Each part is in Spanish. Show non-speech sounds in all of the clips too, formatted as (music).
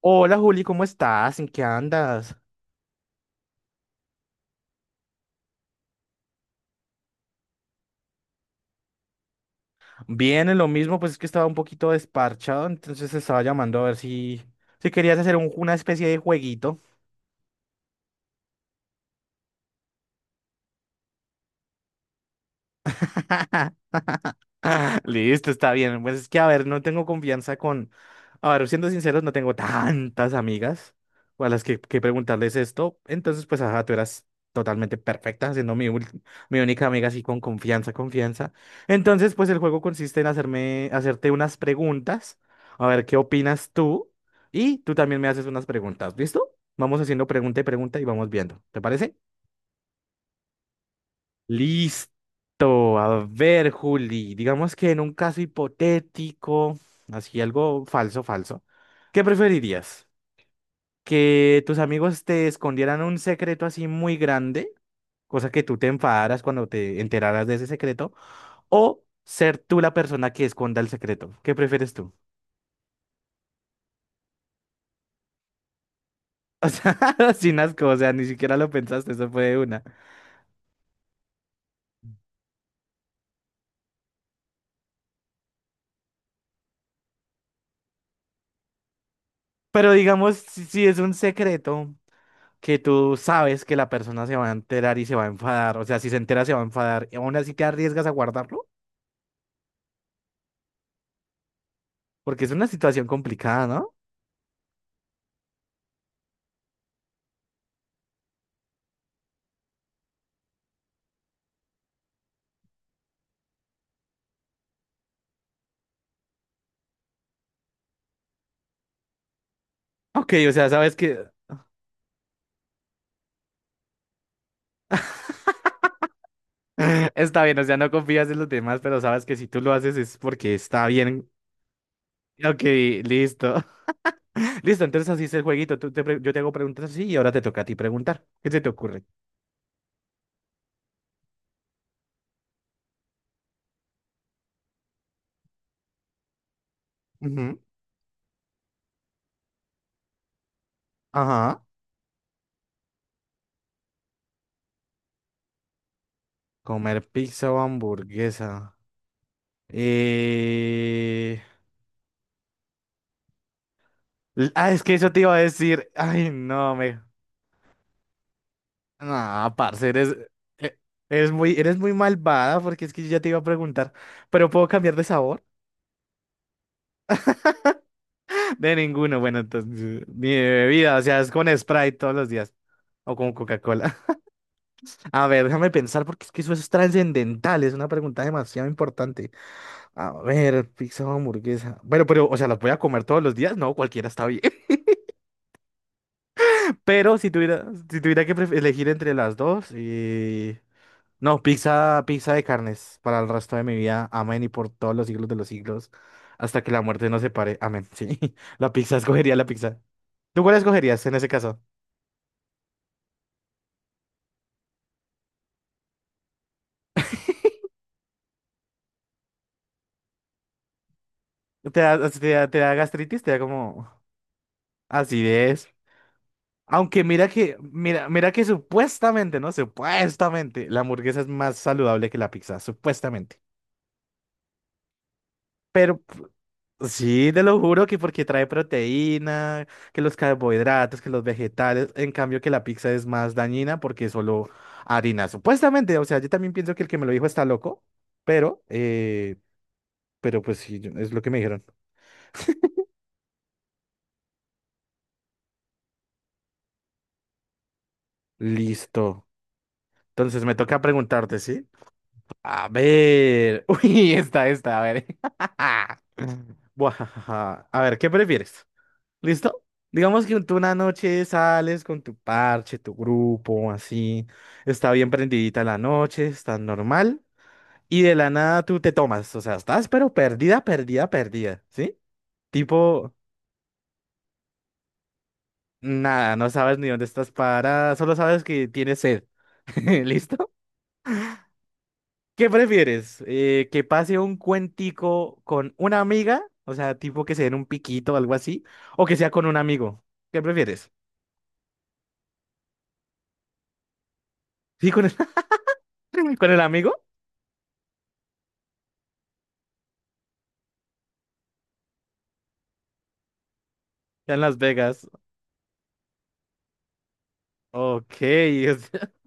Hola Juli, ¿cómo estás? ¿En qué andas? Bien, en lo mismo, pues es que estaba un poquito desparchado, entonces estaba llamando a ver si, si querías hacer una especie de jueguito. (laughs) (laughs) Listo, está bien. Pues es que, a ver, no tengo confianza con... A ver, siendo sinceros, no tengo tantas amigas o a las que preguntarles esto. Entonces, pues, ajá, tú eras totalmente perfecta, siendo mi única amiga así con confianza, confianza. Entonces, pues, el juego consiste en hacerte unas preguntas. A ver, ¿qué opinas tú? Y tú también me haces unas preguntas, ¿listo? Vamos haciendo pregunta y pregunta y vamos viendo. ¿Te parece? Listo. A ver, Juli, digamos que en un caso hipotético, así algo falso, falso, ¿qué preferirías? ¿Que tus amigos te escondieran un secreto así muy grande, cosa que tú te enfadaras cuando te enteraras de ese secreto, o ser tú la persona que esconda el secreto? ¿Qué prefieres tú? (laughs) O sea, sin asco, o sea, ni siquiera lo pensaste, eso fue de una. Pero digamos, si es un secreto, que tú sabes que la persona se va a enterar y se va a enfadar. O sea, si se entera, se va a enfadar. Y aún así te arriesgas a guardarlo, porque es una situación complicada, ¿no? Ok, o sea, sabes que (laughs) está bien, o sea, no confías en los demás, pero sabes que si tú lo haces es porque está bien. Ok, listo. (laughs) Listo, entonces así es el jueguito. Yo te hago preguntas así y ahora te toca a ti preguntar. ¿Qué se te ocurre? Ujú. Ajá. Comer pizza o hamburguesa. Eh... Ah, es que eso te iba a decir. Ay, no, me... Ah, parce, e- eres muy malvada porque es que yo ya te iba a preguntar, ¿pero puedo cambiar de sabor? (laughs) De ninguno, bueno, entonces, mi bebida, o sea, es con Sprite todos los días, o con Coca-Cola. (laughs) A ver, déjame pensar porque es que eso es trascendental, es una pregunta demasiado importante. A ver, pizza o hamburguesa. Bueno, pero, o sea, ¿las voy a comer todos los días? No, cualquiera está bien. (laughs) Pero si tuviera que elegir entre las dos, no, pizza, pizza de carnes para el resto de mi vida. Amén y por todos los siglos de los siglos. Hasta que la muerte nos separe. Amén. Sí. (laughs) La pizza, escogería la pizza. ¿Tú cuál escogerías en ese caso? ¿Te da gastritis? ¿Te da como acidez? Aunque mira que supuestamente, ¿no? Supuestamente, la hamburguesa es más saludable que la pizza, supuestamente, pero sí, te lo juro que porque trae proteína, que los carbohidratos, que los vegetales, en cambio que la pizza es más dañina porque es solo harina, supuestamente, o sea, yo también pienso que el que me lo dijo está loco, pero, eh, pero pues sí, es lo que me dijeron. Listo. Entonces me toca preguntarte, ¿sí? A ver, (laughs) uy, esta, a ver. (laughs) Buah, a ver, ¿qué prefieres? ¿Listo? Digamos que tú una noche sales con tu parche, tu grupo, así. Está bien prendidita la noche, está normal. Y de la nada tú te tomas. O sea, estás pero perdida, perdida, perdida. ¿Sí? Tipo, nada, no sabes ni dónde estás parada, solo sabes que tienes sed. (laughs) ¿Listo? ¿Qué prefieres? ¿Que pase un cuentico con una amiga? O sea, tipo que se den un piquito o algo así. ¿O que sea con un amigo? ¿Qué prefieres? ¿Sí, con el, (laughs) con el amigo? Ya en Las Vegas. Ok, o sea, (laughs)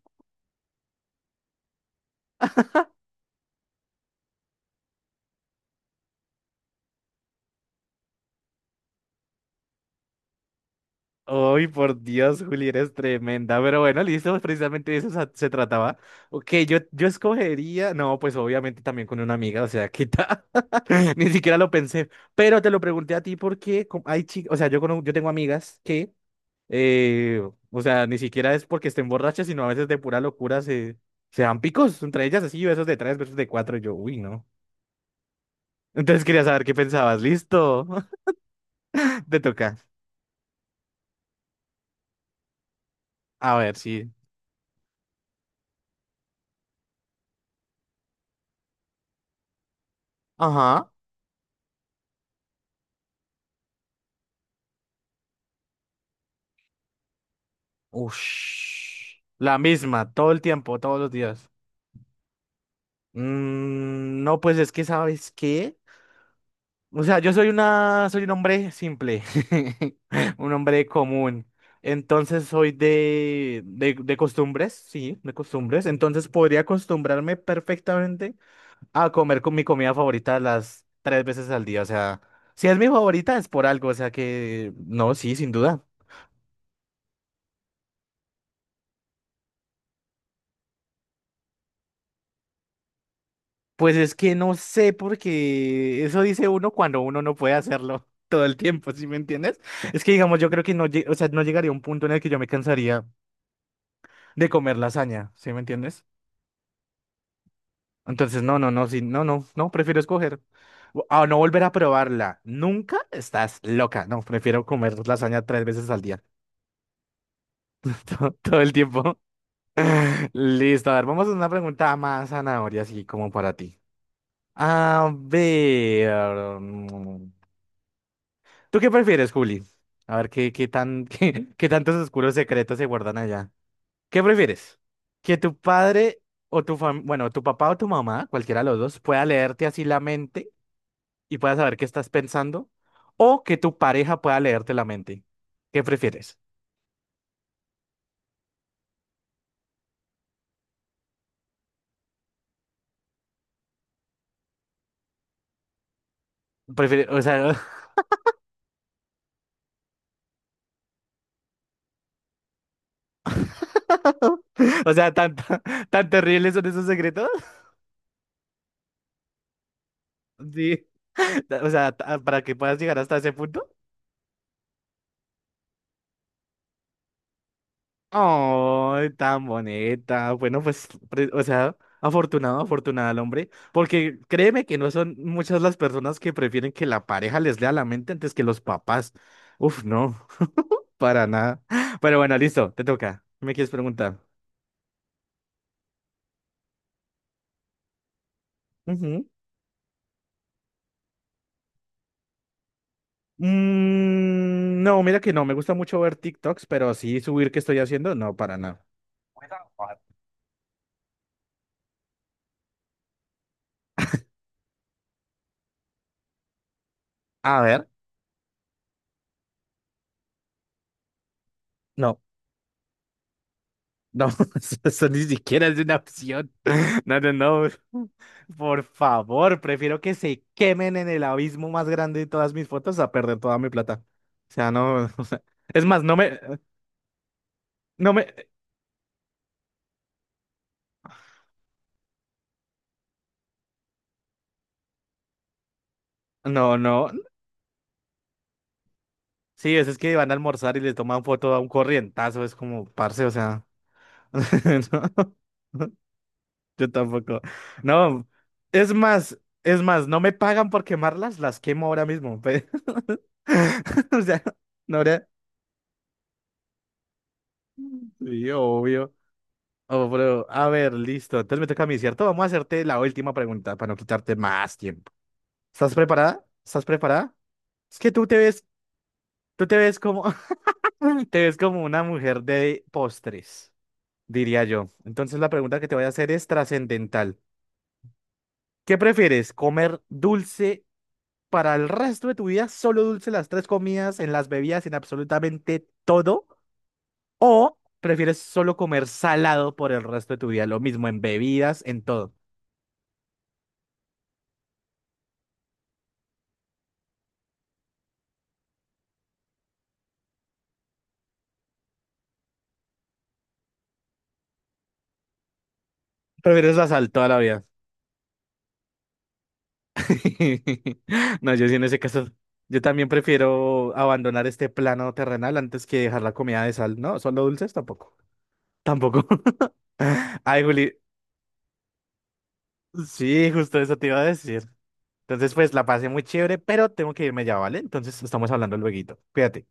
ay, por Dios, Juli, eres tremenda. Pero bueno, listo, pues precisamente de eso se trataba. Ok, yo escogería, no, pues obviamente también con una amiga, o sea, quita. (laughs) Ni siquiera lo pensé. Pero te lo pregunté a ti porque hay chicas, o sea, yo tengo amigas que, eh, o sea, ni siquiera es porque estén borrachas, sino a veces de pura locura se dan picos entre ellas, así, besos de tres, besos de cuatro. Y yo, uy, no. Entonces quería saber qué pensabas. Listo, (laughs) te toca. A ver, sí. Ajá. Ush. La misma, todo el tiempo, todos los días. Mm, no, pues es que, ¿sabes qué? O sea, yo soy un hombre simple, (laughs) un hombre común. Entonces soy de costumbres, sí, de costumbres. Entonces podría acostumbrarme perfectamente a comer con mi comida favorita las tres veces al día. O sea, si es mi favorita es por algo. O sea que, no, sí, sin duda. Pues es que no sé, porque eso dice uno cuando uno no puede hacerlo (laughs) todo el tiempo, ¿sí me entiendes? Es que, digamos, yo creo que no, o sea, no llegaría a un punto en el que yo me cansaría de comer lasaña, ¿sí me entiendes? Entonces, no, no, no, sí, no, no, no, prefiero escoger, a no volver a probarla. Nunca estás loca. No, prefiero comer lasaña tres veces al día. (laughs) Todo, todo el tiempo. (laughs) Listo, a ver, vamos a una pregunta más zanahoria, así como para ti. A ver. mm, ¿Tú qué prefieres, Juli? A ver, (laughs) qué tantos oscuros secretos se guardan allá? ¿Qué prefieres? ¿Que tu padre bueno, tu papá o tu mamá, cualquiera de los dos, pueda leerte así la mente y pueda saber qué estás pensando? ¿O que tu pareja pueda leerte la mente? ¿Qué prefieres? O sea, (laughs) o sea, tan, tan, tan terribles son esos secretos. (laughs) Sí. O sea, para que puedas llegar hasta ese punto. Oh, tan bonita. Bueno, pues, o sea, afortunada el hombre, porque créeme que no son muchas las personas que prefieren que la pareja les lea la mente antes que los papás. Uf, no, (laughs) para nada. Pero bueno, listo, te toca. ¿Me quieres preguntar? Ujú. Mm, no, mira que no, me gusta mucho ver TikToks, pero sí subir qué estoy haciendo, no, para nada. A ver, no, no, (laughs) eso ni siquiera es una opción. No, no, no. (laughs) Por favor, prefiero que se quemen en el abismo más grande de todas mis fotos a perder toda mi plata. O sea, no, (laughs) o sea, es más, no me, no, no. Sí, es que van a almorzar y le toman foto a un corrientazo, es como, parce, o sea. (laughs) No, yo tampoco. No, es más, es más, no me pagan por quemarlas, las quemo ahora mismo. (laughs) O sea, no, sí, obvio. Oh, bro. A ver, listo. Entonces me toca a mí, ¿cierto? Vamos a hacerte la última pregunta para no quitarte más tiempo. ¿Estás preparada? ¿Estás preparada? Es que tú te ves como, (laughs) te ves como una mujer de postres, diría yo. Entonces la pregunta que te voy a hacer es trascendental. ¿Qué prefieres? ¿Comer dulce para el resto de tu vida? ¿Solo dulce las tres comidas, en las bebidas, en absolutamente todo? ¿O prefieres solo comer salado por el resto de tu vida? Lo mismo en bebidas, en todo. ¿Prefieres la sal toda la vida? (laughs) No, yo sí en ese caso, yo también prefiero abandonar este plano terrenal antes que dejar la comida de sal. No, solo dulces tampoco. Tampoco. (laughs) Ay, Juli, sí, justo eso te iba a decir. Entonces, pues la pasé muy chévere, pero tengo que irme ya, ¿vale? Entonces, estamos hablando lueguito. Cuídate.